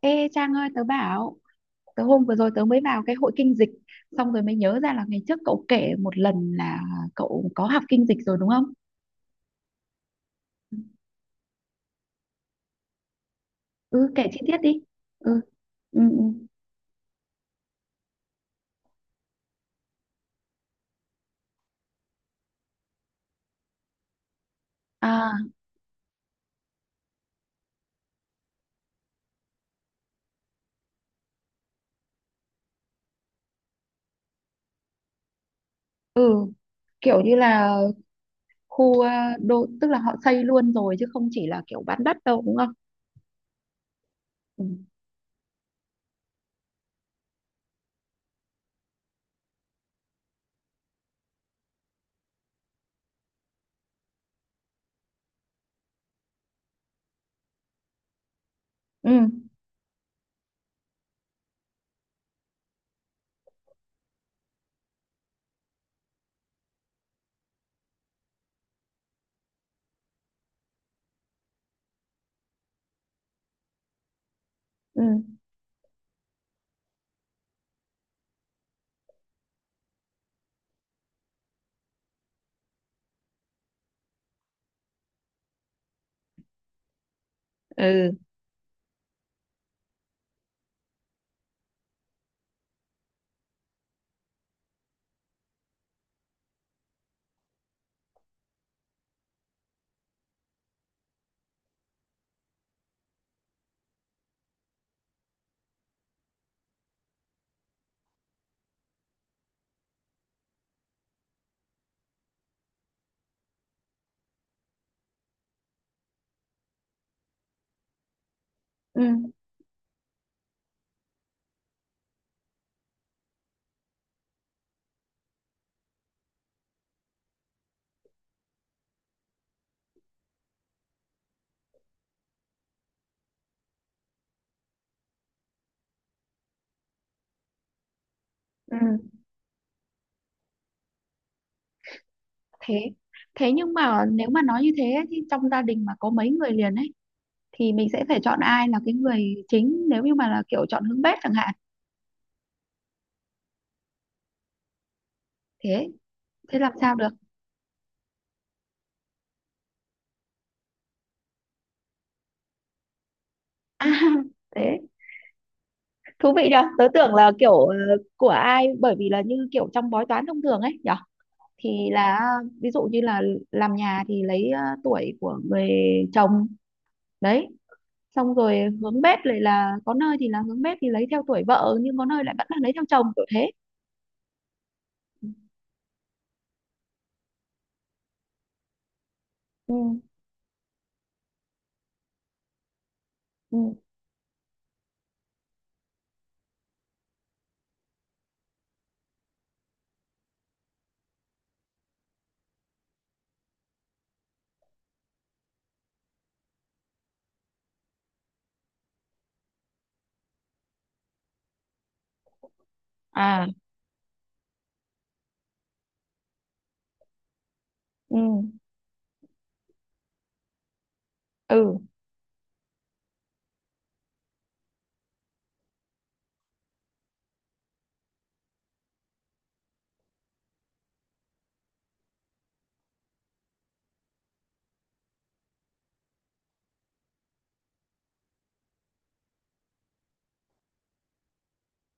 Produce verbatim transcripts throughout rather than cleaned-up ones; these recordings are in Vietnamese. Ê Trang ơi, tớ bảo. Tớ hôm vừa rồi tớ mới vào cái hội kinh dịch. Xong rồi mới nhớ ra là ngày trước cậu kể một lần là cậu có học kinh dịch rồi, đúng không? Ừ, kể chi tiết đi. Ừ. Ừ ừ. À, ừ, kiểu như là khu ờ, đô. Tức là họ xây luôn rồi chứ không chỉ là kiểu bán đất đâu, đúng không? Ừ. Ừ. Ừ. Ừ. Ừ. Ừ. Thế Thế nhưng mà nếu mà nói như thế ấy, thì trong gia đình mà có mấy người liền ấy, thì mình sẽ phải chọn ai là cái người chính nếu như mà là kiểu chọn hướng bếp chẳng hạn. Thế thế làm sao được? À, thế thú vị nhờ. Tớ tưởng là kiểu ờ, của ai, bởi vì là như kiểu trong bói toán thông thường ấy nhở. Thì là ví dụ như là làm nhà thì lấy ờ, tuổi của người chồng đấy. Xong rồi hướng bếp lại là có nơi thì là hướng bếp thì lấy theo tuổi vợ, nhưng có nơi lại vẫn là lấy theo chồng kiểu thế. Ừ, ừ. À, ừ, ừ,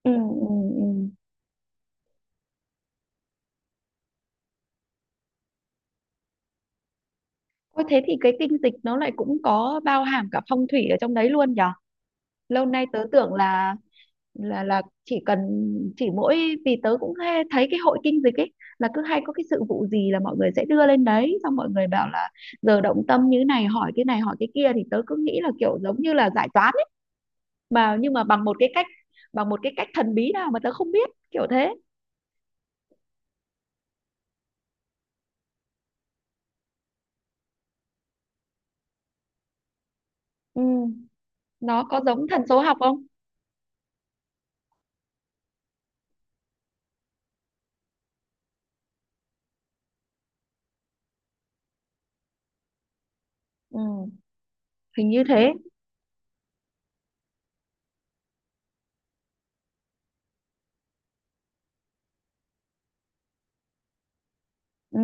ừ, ừ. Ừ. Ôi thế thì cái kinh dịch nó lại cũng có bao hàm cả phong thủy ở trong đấy luôn nhở? Lâu nay tớ tưởng là là là chỉ cần chỉ mỗi vì tớ cũng hay thấy cái hội kinh dịch ấy là cứ hay có cái sự vụ gì là mọi người sẽ đưa lên đấy, xong mọi người bảo là giờ động tâm như này hỏi cái này hỏi cái kia thì tớ cứ nghĩ là kiểu giống như là giải toán ấy, mà nhưng mà bằng một cái cách bằng một cái cách thần bí nào mà tớ không biết kiểu thế. Ừ. Nó có giống thần số học không? Ừ. Hình như thế. Ừ.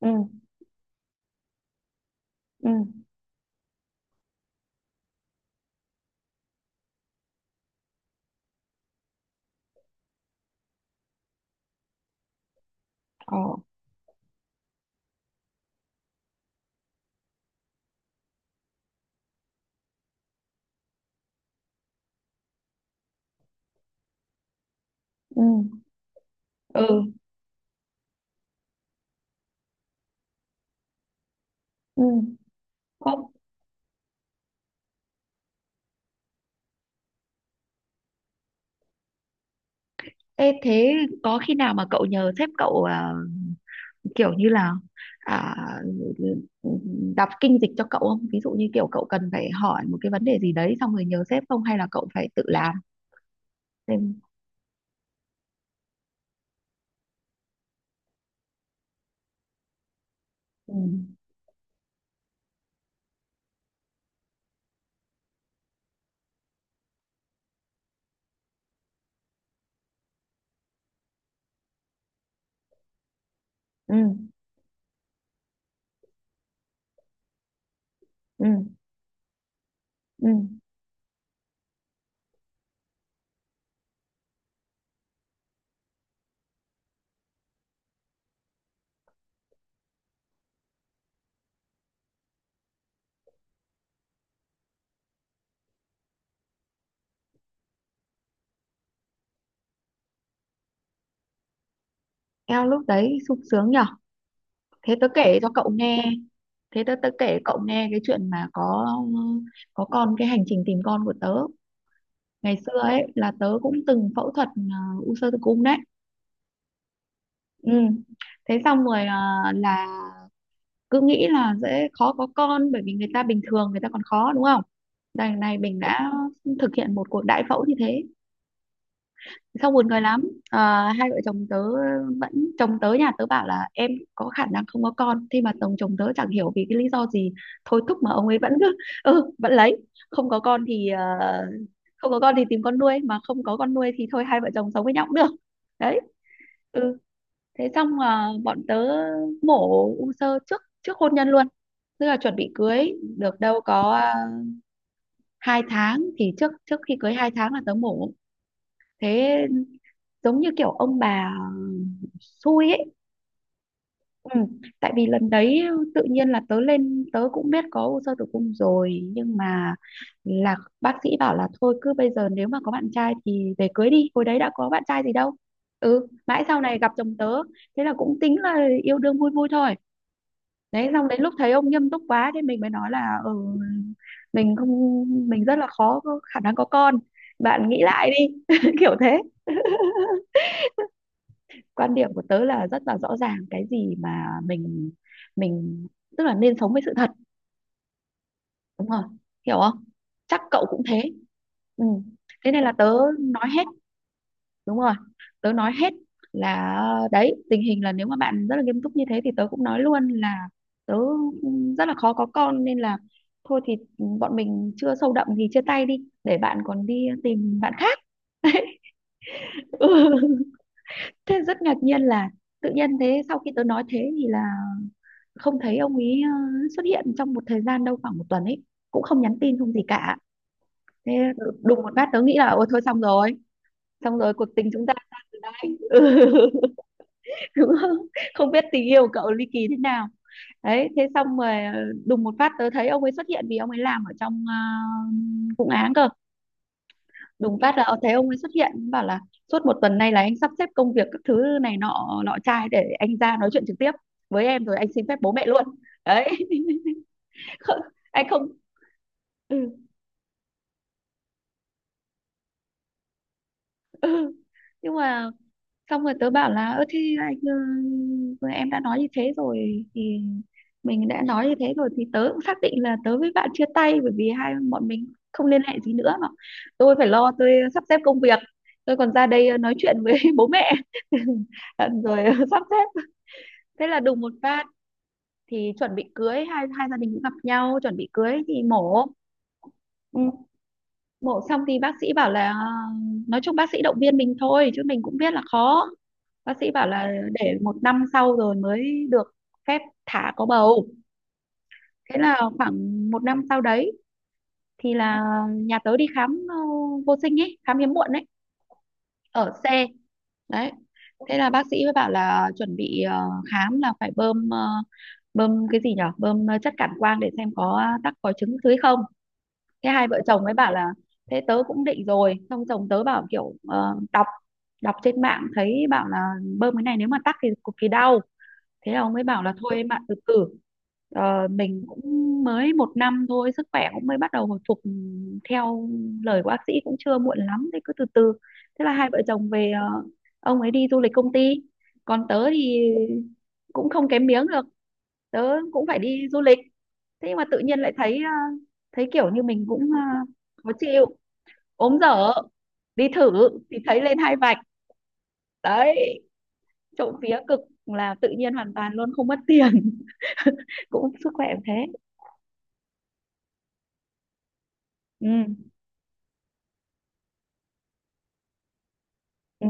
Ừ. Ừ. Ờ. Ừ. Ừ ừ. Không. Ê, thế có khi nào mà cậu nhờ sếp cậu à, kiểu như là, à, đọc kinh dịch cho cậu không, ví dụ như kiểu cậu cần phải hỏi một cái vấn đề gì đấy xong rồi nhờ sếp, không hay là cậu phải tự làm? Nên- ừ, ừ, ừ, ừ. Eo lúc đấy sung sướng nhở. Thế tớ kể cho cậu nghe, thế tớ tớ kể cậu nghe cái chuyện mà có có con, cái hành trình tìm con của tớ. Ngày xưa ấy là tớ cũng từng phẫu thuật, à, u xơ tử cung đấy. Ừ. Thế xong rồi ờ, là cứ nghĩ là dễ khó có con bởi vì người ta bình thường người ta còn khó, đúng không? Đằng này mình đã thực hiện một cuộc đại phẫu như thế. Xong buồn cười lắm. Ờ, hai vợ chồng tớ vẫn Chồng tớ, nhà tớ bảo là em có khả năng không có con, thế mà chồng chồng tớ chẳng hiểu vì cái lý do gì thôi thúc mà ông ấy vẫn cứ ừ vẫn lấy. Không có con thì ờ, Không có con thì tìm con nuôi, mà không có con nuôi thì thôi hai vợ chồng sống với nhau cũng được. Đấy. Ừ, thế xong à, bọn tớ mổ u xơ trước trước hôn nhân luôn, tức là chuẩn bị cưới được đâu có à, hai tháng. Thì trước trước khi cưới hai tháng là tớ mổ. Thế giống như kiểu ông bà xui ấy. Ừ. Tại vì lần đấy tự nhiên là tớ lên, tớ cũng biết có u xơ tử cung rồi nhưng mà là bác sĩ bảo là thôi cứ bây giờ nếu mà có bạn trai thì về cưới đi, hồi đấy đã có bạn trai gì đâu. Ừ, mãi sau này gặp chồng tớ, thế là cũng tính là yêu đương vui vui thôi. Đấy xong đến lúc thấy ông nghiêm túc quá thì mình mới nói là ừ, mình không mình rất là khó có khả năng có con, bạn nghĩ lại đi kiểu thế. Quan điểm của tớ là rất là rõ ràng, cái gì mà mình mình tức là nên sống với sự thật. Đúng không? Hiểu không? Chắc cậu cũng thế. Ừ. Thế nên là tớ nói hết. Đúng rồi. Tớ nói hết là ờ, đấy, tình hình là nếu mà bạn rất là nghiêm túc như thế thì tớ cũng nói luôn là tớ rất là khó có con, nên là thôi thì bọn mình chưa sâu đậm thì chia tay đi để bạn còn đi tìm bạn khác. Ừ. Thế rất ngạc nhiên là tự nhiên thế sau khi tớ nói thế thì là không thấy ông ấy ờ, xuất hiện trong một thời gian, đâu khoảng một tuần ấy, cũng không nhắn tin không gì cả. Thế đùng một phát tớ nghĩ là ôi thôi xong rồi, xong rồi cuộc tình chúng ta ra từ đây đúng không? Không biết tình yêu của cậu ly kỳ thế nào. Đấy thế xong rồi, ờ, đùng một phát tớ thấy ông ấy xuất hiện vì ông ấy làm ở trong, ờ, vụ án cơ. Đùng phát là ờ, thấy ông ấy xuất hiện bảo là suốt một tuần nay là anh sắp xếp công việc các thứ này nọ nọ trai để anh ra nói chuyện trực tiếp với em, rồi anh xin phép bố mẹ luôn. Đấy. Không- anh không. Ừ, ừ. Nhưng mà xong rồi tớ bảo là ơ thế anh ừ, vừa em đã nói như thế rồi thì mình đã nói như thế rồi thì tớ cũng xác định là tớ với bạn chia tay, bởi vì hai bọn mình không liên hệ gì nữa mà. Tôi phải lo, tôi sắp xếp công việc, tôi còn ra đây nói chuyện với bố mẹ rồi sắp xếp. Thế là đùng một phát thì chuẩn bị cưới, hai hai gia đình cũng gặp nhau chuẩn bị cưới thì mổ. Ừ, mổ xong thì bác sĩ bảo là nói chung bác sĩ động viên mình thôi chứ mình cũng biết là khó. Bác sĩ bảo là để một năm sau rồi mới được phép thả có bầu. Thế là khoảng một năm sau đấy thì là nhà tớ đi khám, ờ, vô sinh ấy, khám hiếm muộn ấy, ở xe đấy. Thế là bác sĩ mới bảo là chuẩn bị, ờ, khám là phải bơm, ờ, bơm cái gì nhở, bơm ờ, chất cản quang để xem có ờ, tắc, có trứng dưới không. Thế hai vợ chồng ấy bảo là thế tớ cũng định rồi, xong chồng tớ bảo kiểu ờ, đọc đọc trên mạng thấy bảo là bơm cái này nếu mà tắc thì cực kỳ đau. Thế là ông ấy bảo là thôi em ạ, từ từ. Ờ, mình cũng mới một năm thôi, sức khỏe cũng mới bắt đầu hồi phục, ừm, theo lời của bác sĩ cũng chưa muộn lắm, thế cứ từ từ. Thế là hai vợ chồng về, ờ, ông ấy đi du lịch công ty, còn tớ thì cũng không kém miếng được, tớ cũng phải đi du lịch. Thế nhưng mà tự nhiên lại thấy ờ, thấy kiểu như mình cũng ờ, khó chịu, ốm dở, đi thử thì thấy lên hai vạch. Đấy, trộm vía cực, là tự nhiên hoàn toàn luôn, không mất tiền cũng sức khỏe cũng thế. Ừ ừ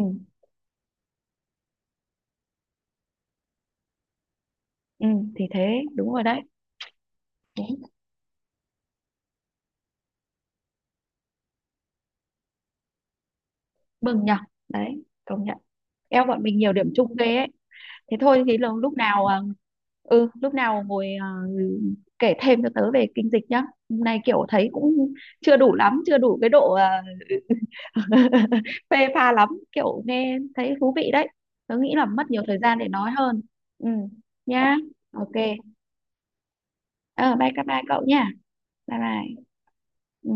ừ. Thì thế đúng rồi đấy. Đấy, mừng nhở, đấy công nhận, eo bọn mình nhiều điểm chung ghê ấy. Thế thôi thì lâu- lúc nào à, ừ, lúc nào ngồi à, kể thêm cho tớ về kinh dịch nhá. Hôm nay kiểu thấy cũng chưa đủ lắm, chưa đủ cái độ à, phê pha lắm, kiểu nghe thấy thú vị đấy. Tớ nghĩ là mất nhiều thời gian để nói hơn. Ừ, nhá. Ok. ờ Bye bye bye cậu nha. Bye bye. Ừ.